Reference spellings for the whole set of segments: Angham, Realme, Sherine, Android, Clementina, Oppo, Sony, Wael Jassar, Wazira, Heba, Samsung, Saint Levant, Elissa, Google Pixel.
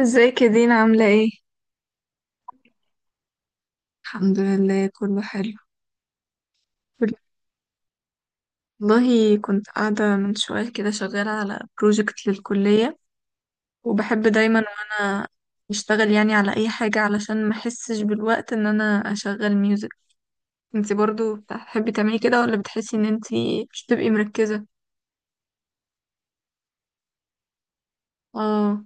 ازيك يا دينا، عاملة ايه؟ الحمد لله، كله حلو. كله- والله كنت قاعدة من شوية كده شغالة على بروجكت للكلية، وبحب دايما وانا بشتغل يعني على اي حاجة علشان ما احسش بالوقت ان انا اشغل ميوزك. انتي برضو بتحبي تعملي كده ولا بتحسي ان انتي مش بتبقي مركزة؟ اه.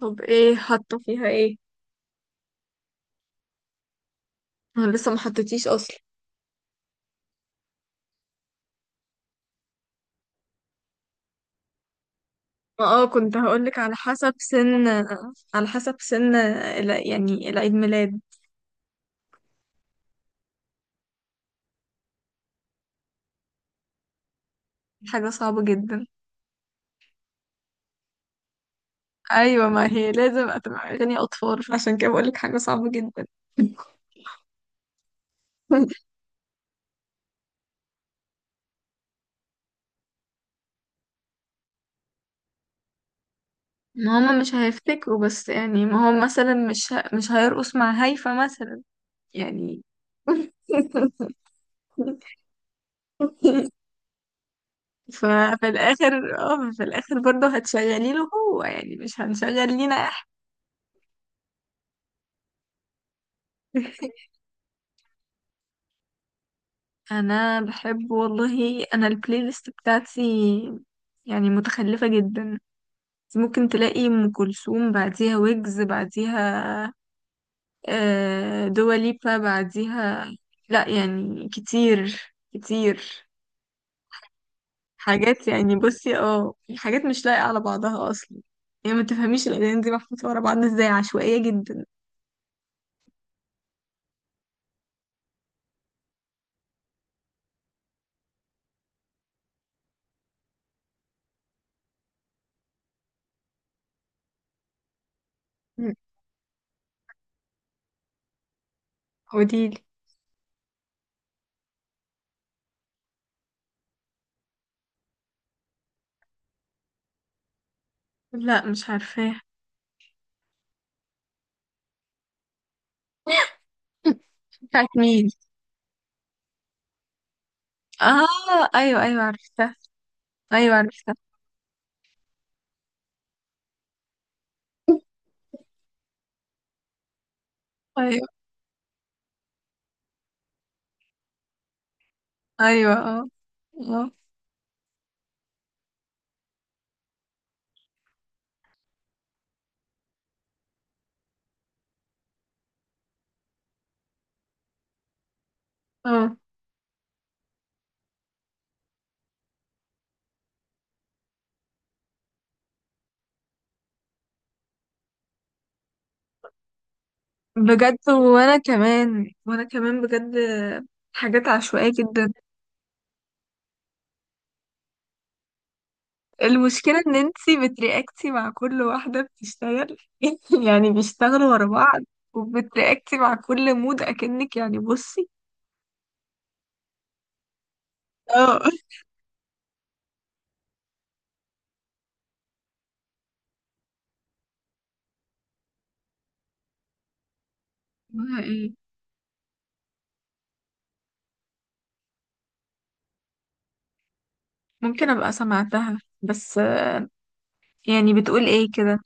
طب ايه حاطة فيها ايه؟ انا لسه ما حطيتيش اصلا. ما كنت هقولك على حسب سن، على حسب سن يعني العيد ميلاد. حاجة صعبة جدا. ايوه، ما هي لازم هتبقى اغاني اطفال، عشان كده بقولك حاجه صعبه جدا. ما هما مش هيفتكروا، بس يعني ما هو مثلا مش هيرقص مع هيفا مثلا يعني. ففي الاخر، في الاخر برضه هتشغلي له هو، يعني مش هنشغل لينا احنا. انا بحب، والله انا البلاي ليست بتاعتي يعني متخلفه جدا. ممكن تلاقي ام كلثوم بعديها ويجز بعديها، دواليبا بعديها. لا يعني كتير كتير، حاجات يعني بصي، حاجات مش لايقة على بعضها اصلا. يعني ما تفهميش الاغاني دي محطوطة ورا بعض ازاي، عشوائية جدا. مم. قوليلي. لا، مش عارفاه. بتاعت مين؟ اه، ايوه ايوه عرفتها، ايوه عرفتها. ايوه ايوه. اه اه اه. بجد، وانا كمان وانا كمان بجد، حاجات عشوائية جدا. المشكلة ان انتي بترياكتي مع كل واحدة بتشتغل، يعني بيشتغلوا ورا بعض، وبترياكتي مع كل مود اكنك، يعني بصي. اه. اسمها ايه؟ ممكن ابقى سمعتها، بس يعني بتقول ايه كده؟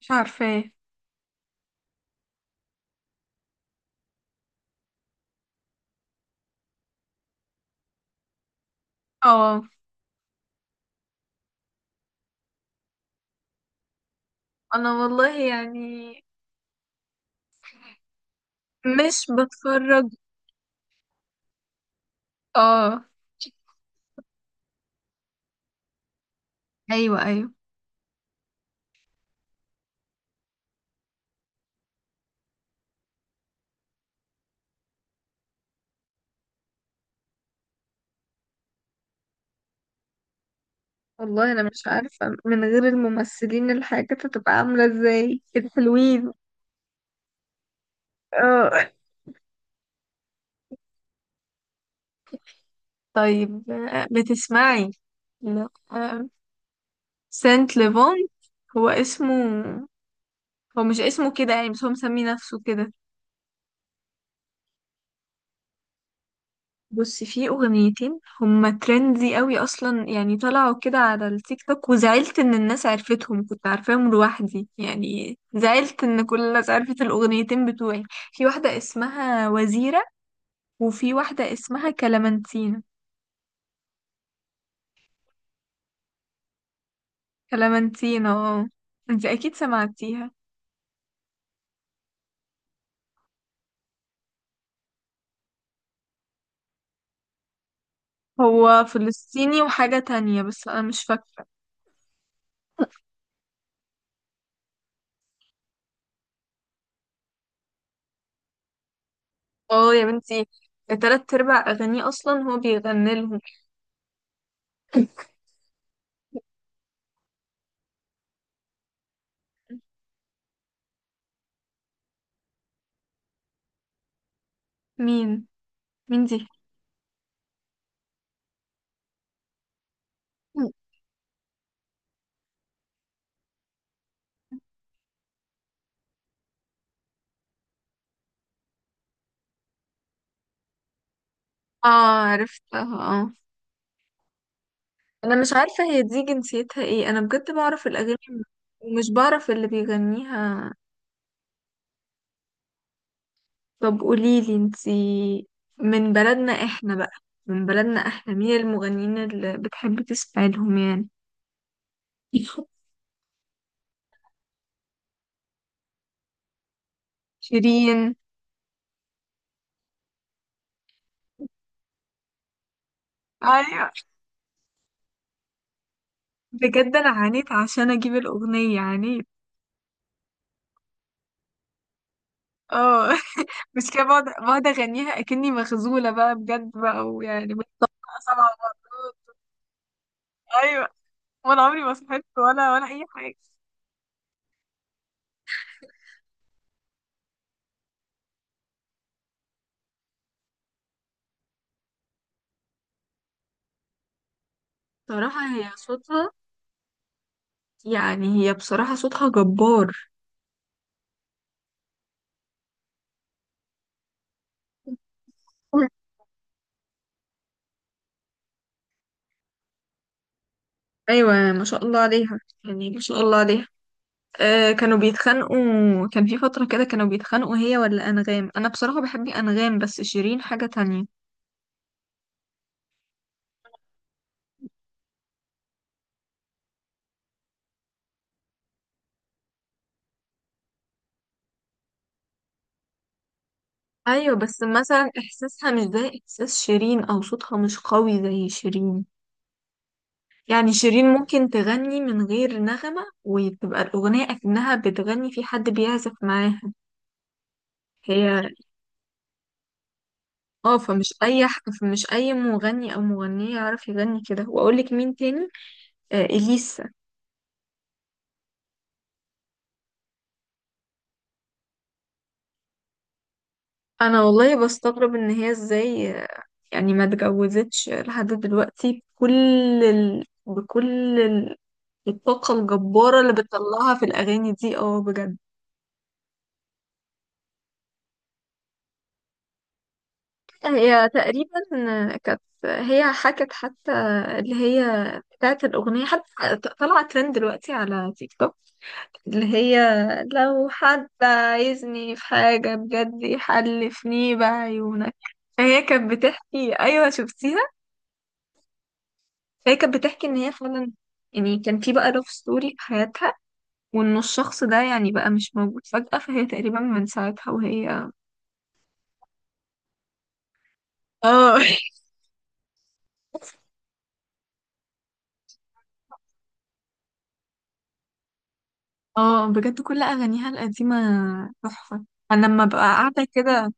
مش عارفة ايه. اه. انا والله يعني مش بتفرج. اه. ايوه ايوه. والله انا مش عارفة من غير الممثلين الحاجة تبقى عاملة ازاي الحلوين. اه. طيب، بتسمعي؟ لا. سانت ليفونت هو اسمه، هو مش اسمه كده يعني بس هو مسمي نفسه كده. بص، في اغنيتين هما ترندي قوي اصلا، يعني طلعوا كده على التيك توك وزعلت ان الناس عرفتهم، كنت عارفاهم لوحدي يعني، زعلت ان كل الناس عرفت الاغنيتين بتوعي. في واحدة اسمها وزيرة، وفي واحدة اسمها كلامنتينا. كلامنتينا اه، انت اكيد سمعتيها. هو فلسطيني وحاجة تانية بس انا مش فاكرة. اه يا بنتي، التلات ارباع اغانيه اصلا هو بيغني لهم. مين؟ مين دي؟ اه، عرفتها. اه. انا مش عارفه هي دي جنسيتها ايه، انا بجد بعرف الاغاني ومش بعرف اللي بيغنيها. طب قوليلي انتي، من بلدنا احنا بقى، من بلدنا احنا مين المغنيين اللي بتحبي تسمعي لهم يعني؟ شيرين. ايوه، بجد انا عانيت عشان اجيب الاغنيه، عانيت. اه. مش كده، بقعد بقعد اغنيها اكني مخزوله بقى بجد بقى ويعني بنبقى سبع مرات. ايوه. وانا عمري ما صحيت ولا اي حاجه. بصراحه هي صوتها، يعني هي بصراحه صوتها جبار. ايوه ما شاء الله عليها، يعني ما شاء الله عليها. آه، كانوا بيتخانقوا، كان في فتره كده كانوا بيتخانقوا هي ولا انغام، انا بصراحه بحب انغام بس شيرين حاجه تانية. ايوه، بس مثلا احساسها مش زي احساس شيرين او صوتها مش قوي زي شيرين. يعني شيرين ممكن تغني من غير نغمة وتبقى الأغنية أكنها بتغني في حد بيعزف معاها. هي. اه، فمش فمش أي مغني أو مغنية يعرف يغني كده. وأقولك مين تاني؟ آه، إليسا. أنا والله بستغرب إن هي إزاي، يعني ما اتجوزتش لحد دلوقتي، بكل بكل الطاقة الجبارة اللي بتطلعها في الأغاني دي، اه بجد. هي تقريبا كانت هي حكت حتى، اللي هي بتاعت الأغنية حتى طالعة ترند دلوقتي على تيك توك، اللي هي لو حد عايزني في حاجة بجد يحلفني بعيونك. فهي كانت بتحكي أيوة شفتيها، فهي كانت بتحكي إن هي فعلا يعني كان في بقى لاف ستوري في حياتها، وإن الشخص ده يعني بقى مش موجود فجأة، فهي تقريبا من ساعتها وهي. اه. اه، بجد كل اغانيها القديمه تحفه. انا لما ببقى قاعده كده.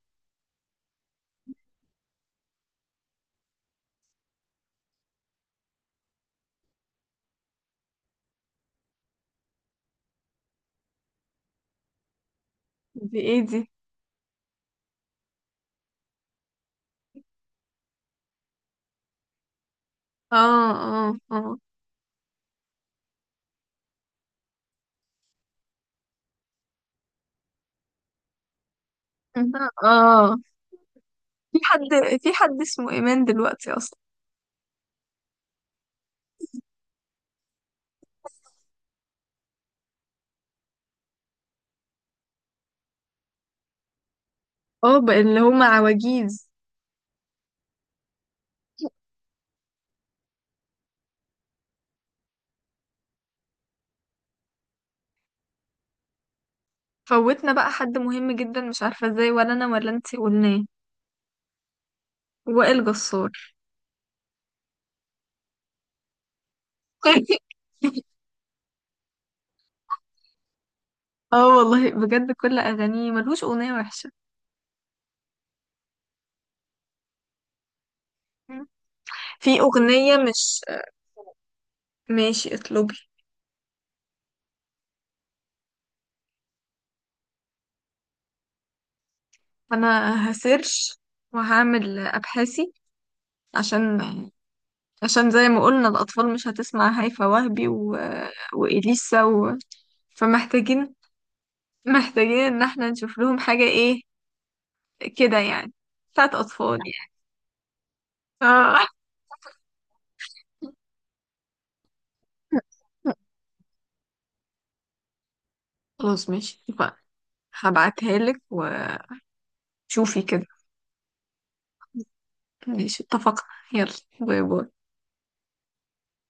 دي ايه دي؟ اه اه اه اه. في حد، في حد اسمه ايمان دلوقتي اصلا؟ اه، بقى اللي هم عواجيز. فوتنا بقى حد مهم جدا مش عارفه ازاي، ولا انا ولا انتي قلناه. وائل جسار. اه والله بجد كل اغانيه ملهوش اغنيه وحشه. في اغنيه مش. ماشي اطلبي. انا هسيرش وهعمل ابحاثي عشان، عشان زي ما قلنا الأطفال مش هتسمع هيفا وهبي وإليسا فمحتاجين، محتاجين إن احنا نشوف لهم حاجة إيه كده يعني، بتاعت أطفال يعني. آه. خلاص ماشي اتفقنا. هبعتها لك وشوفي كده. ماشي اتفقنا. يلا، باي باي.